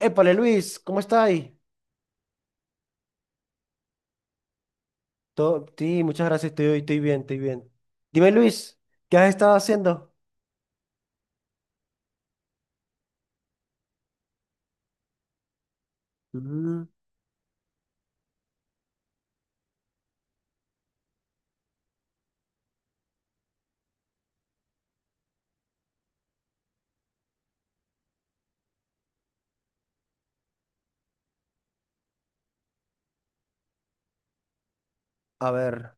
Épale, Luis, ¿cómo estás ahí? Sí, muchas gracias, estoy bien, estoy bien. Dime, Luis, ¿qué has estado haciendo? Mm, a ver,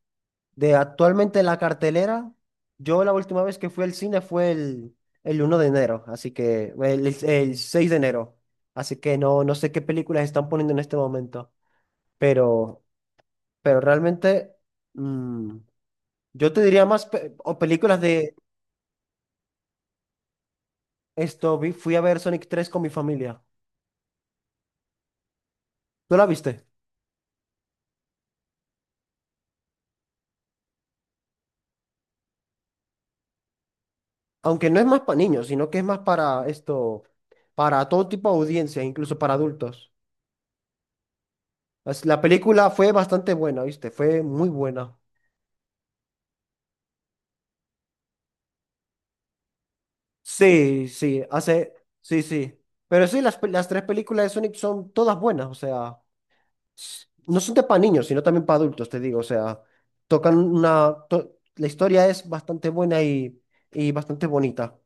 de actualmente la cartelera, yo la última vez que fui al cine fue el 1 de enero, así que, el 6 de enero, así que no sé qué películas están poniendo en este momento, pero, pero realmente, mm, yo te diría más o películas de esto, fui a ver Sonic 3 con mi familia. ¿Tú la viste? Aunque no es más para niños, sino que es más para esto, para todo tipo de audiencia, incluso para adultos. La película fue bastante buena, ¿viste? Fue muy buena. Sí, sí, sí, sí. Pero sí, las tres películas de Sonic son todas buenas, o sea, no son de para niños, sino también para adultos, te digo, o sea, tocan la historia es bastante buena y bastante bonita.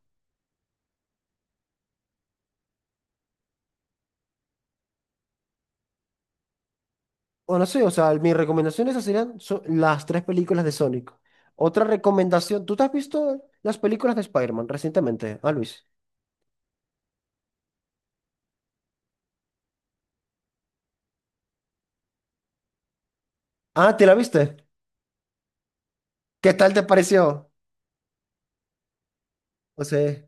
O no sé, o sea, mi recomendación esas serían las tres películas de Sonic. Otra recomendación, ¿tú te has visto las películas de Spider-Man recientemente, ah, Luis? Ah, ¿te la viste? ¿Qué tal te pareció? O sea,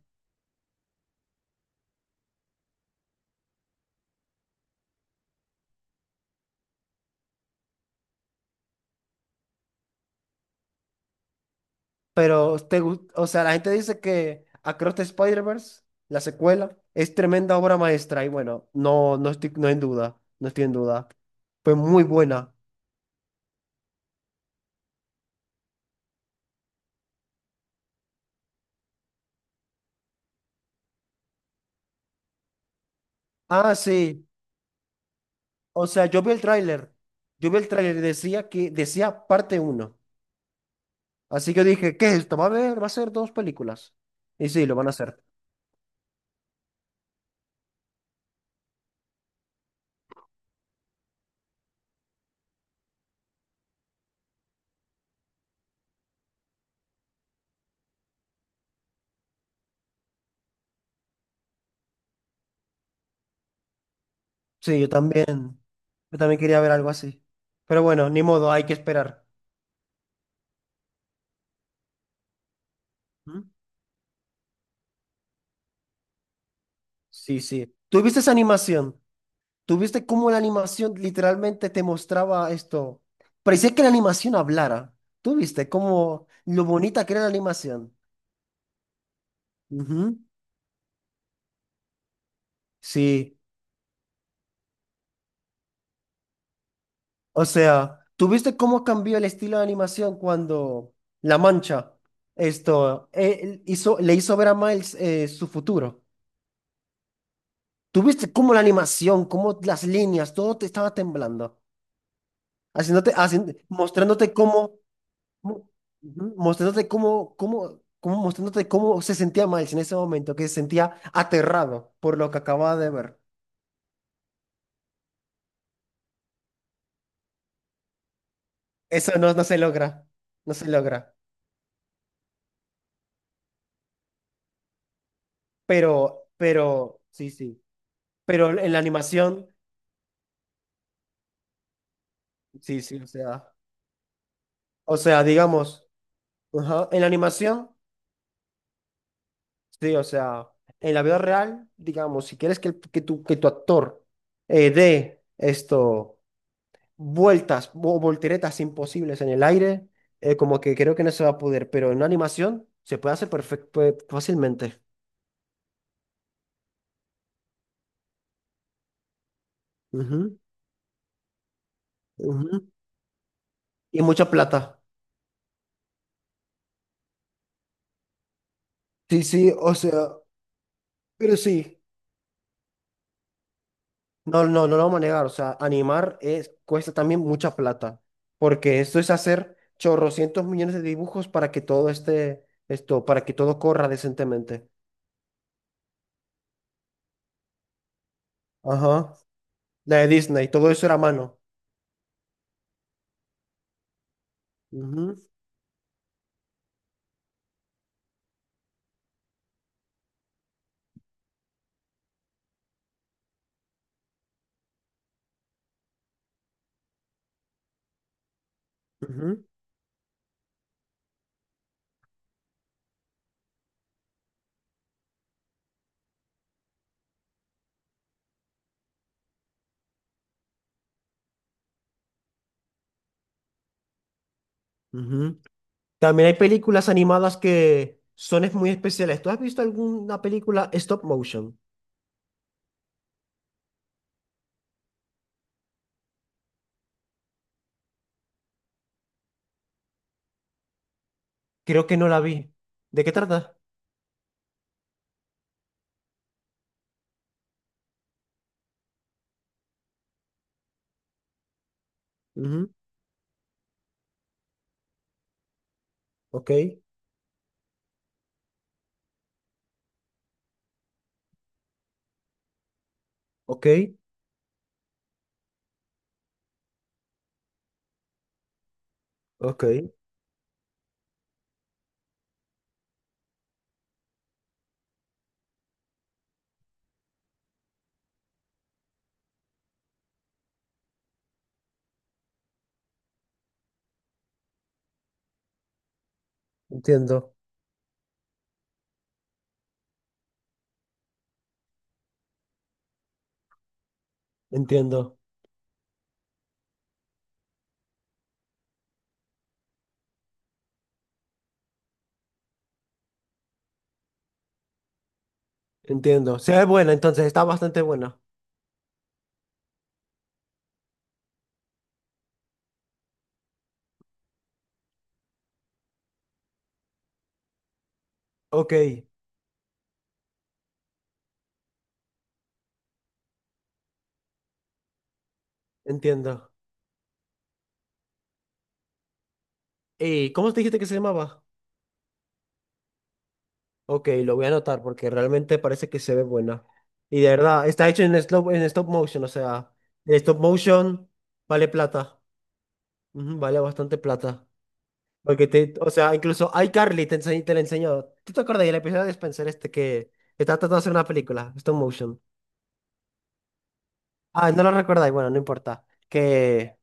pero o sea, la gente dice que Across the Spider-Verse, la secuela, es tremenda obra maestra y bueno, no, no estoy, no en duda, no estoy en duda. Fue muy buena. Ah, sí. O sea, yo vi el tráiler. Yo vi el tráiler y decía que decía parte uno. Así que dije, ¿qué es esto? Va a ver, va a ser dos películas. Y sí, lo van a hacer. Sí, yo también. Yo también quería ver algo así. Pero bueno, ni modo, hay que esperar. ¿Mm? Sí, sí. ¿Tuviste esa animación? ¿Tuviste cómo la animación literalmente te mostraba esto? Parecía que la animación hablara. ¿Tuviste cómo lo bonita que era la animación? Ujú. Sí. O sea, ¿tú viste cómo cambió el estilo de animación cuando La Mancha esto él hizo, le hizo ver a Miles su futuro? ¿Tú viste cómo la animación, cómo las líneas, todo te estaba temblando, haciéndote, haciendo, mostrándote cómo, mo- ujú, mostrándote cómo, mostrándote cómo se sentía Miles en ese momento, que se sentía aterrado por lo que acababa de ver. Eso no se logra, no se logra. Pero, sí, sí. Pero en la animación. Sí, sí, o sea, digamos, ajá, en la animación, sí, o sea, en la vida real, digamos, si quieres que tu actor dé esto, vueltas o volteretas imposibles en el aire, como que creo que no se va a poder, pero en una animación se puede hacer perfecto, fácilmente. Ujú, ujú. Y mucha plata. Sí, sí, o sea, pero sí. No, no, no lo vamos a negar. O sea, animar es, cuesta también mucha plata. Porque esto es hacer chorrocientos millones de dibujos para que todo esté, esto, para que todo corra decentemente. Ajá. La de Disney, todo eso era a mano. Ujú, ujú, ujú. También hay películas animadas que son es muy especiales. ¿Tú has visto alguna película stop motion? Creo que no la vi. ¿De qué trata? Ujú, ok, ok, ok. Entiendo, entiendo. Entiendo. Se ve buena, entonces está bastante buena. Ok, entiendo. ¿Y cómo te dijiste que se llamaba? Ok, lo voy a anotar porque realmente parece que se ve buena. Y de verdad, está hecho en stop motion, o sea, el stop motion vale plata. Ujú, vale bastante plata. Porque o sea, incluso iCarly te enseñó, te la enseñó. ¿Tú te acuerdas del episodio de Spencer este que está tratando de hacer una película, stop motion? Ah, no lo recordáis, bueno, no importa. Que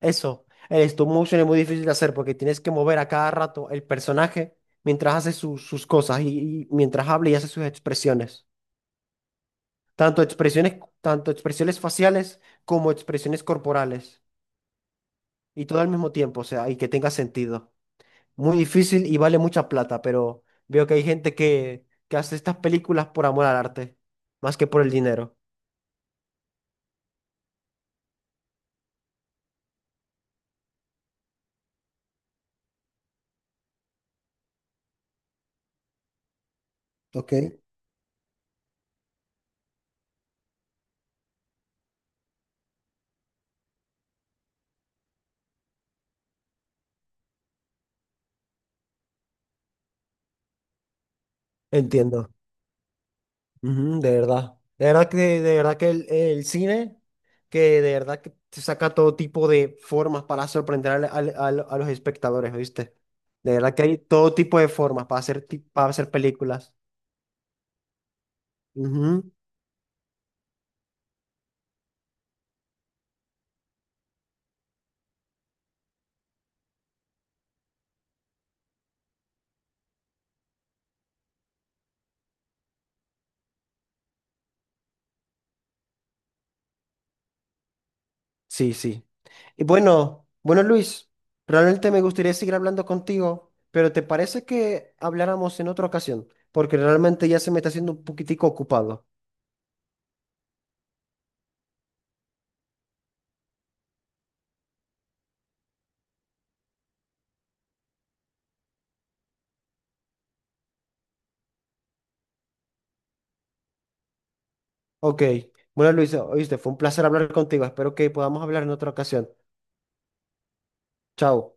Eso, el stop motion es muy difícil de hacer porque tienes que mover a cada rato el personaje mientras hace sus cosas y mientras habla y hace sus expresiones. Tanto expresiones, tanto expresiones faciales como expresiones corporales. Y todo al mismo tiempo, o sea, y que tenga sentido. Muy difícil y vale mucha plata, pero veo que hay gente que hace estas películas por amor al arte, más que por el dinero. Ok. Entiendo. Ujú, de verdad. De verdad que el cine, que de verdad que te saca todo tipo de formas para sorprender a los espectadores, ¿viste? De verdad que hay todo tipo de formas para hacer películas. Ujú, sí, sí. Y bueno, bueno, Luis, realmente me gustaría seguir hablando contigo, pero ¿te parece que habláramos en otra ocasión? Porque realmente ya se me está haciendo un poquitico ocupado. Ok. Bueno, Luis, oíste, fue un placer hablar contigo. Espero que podamos hablar en otra ocasión. Chao.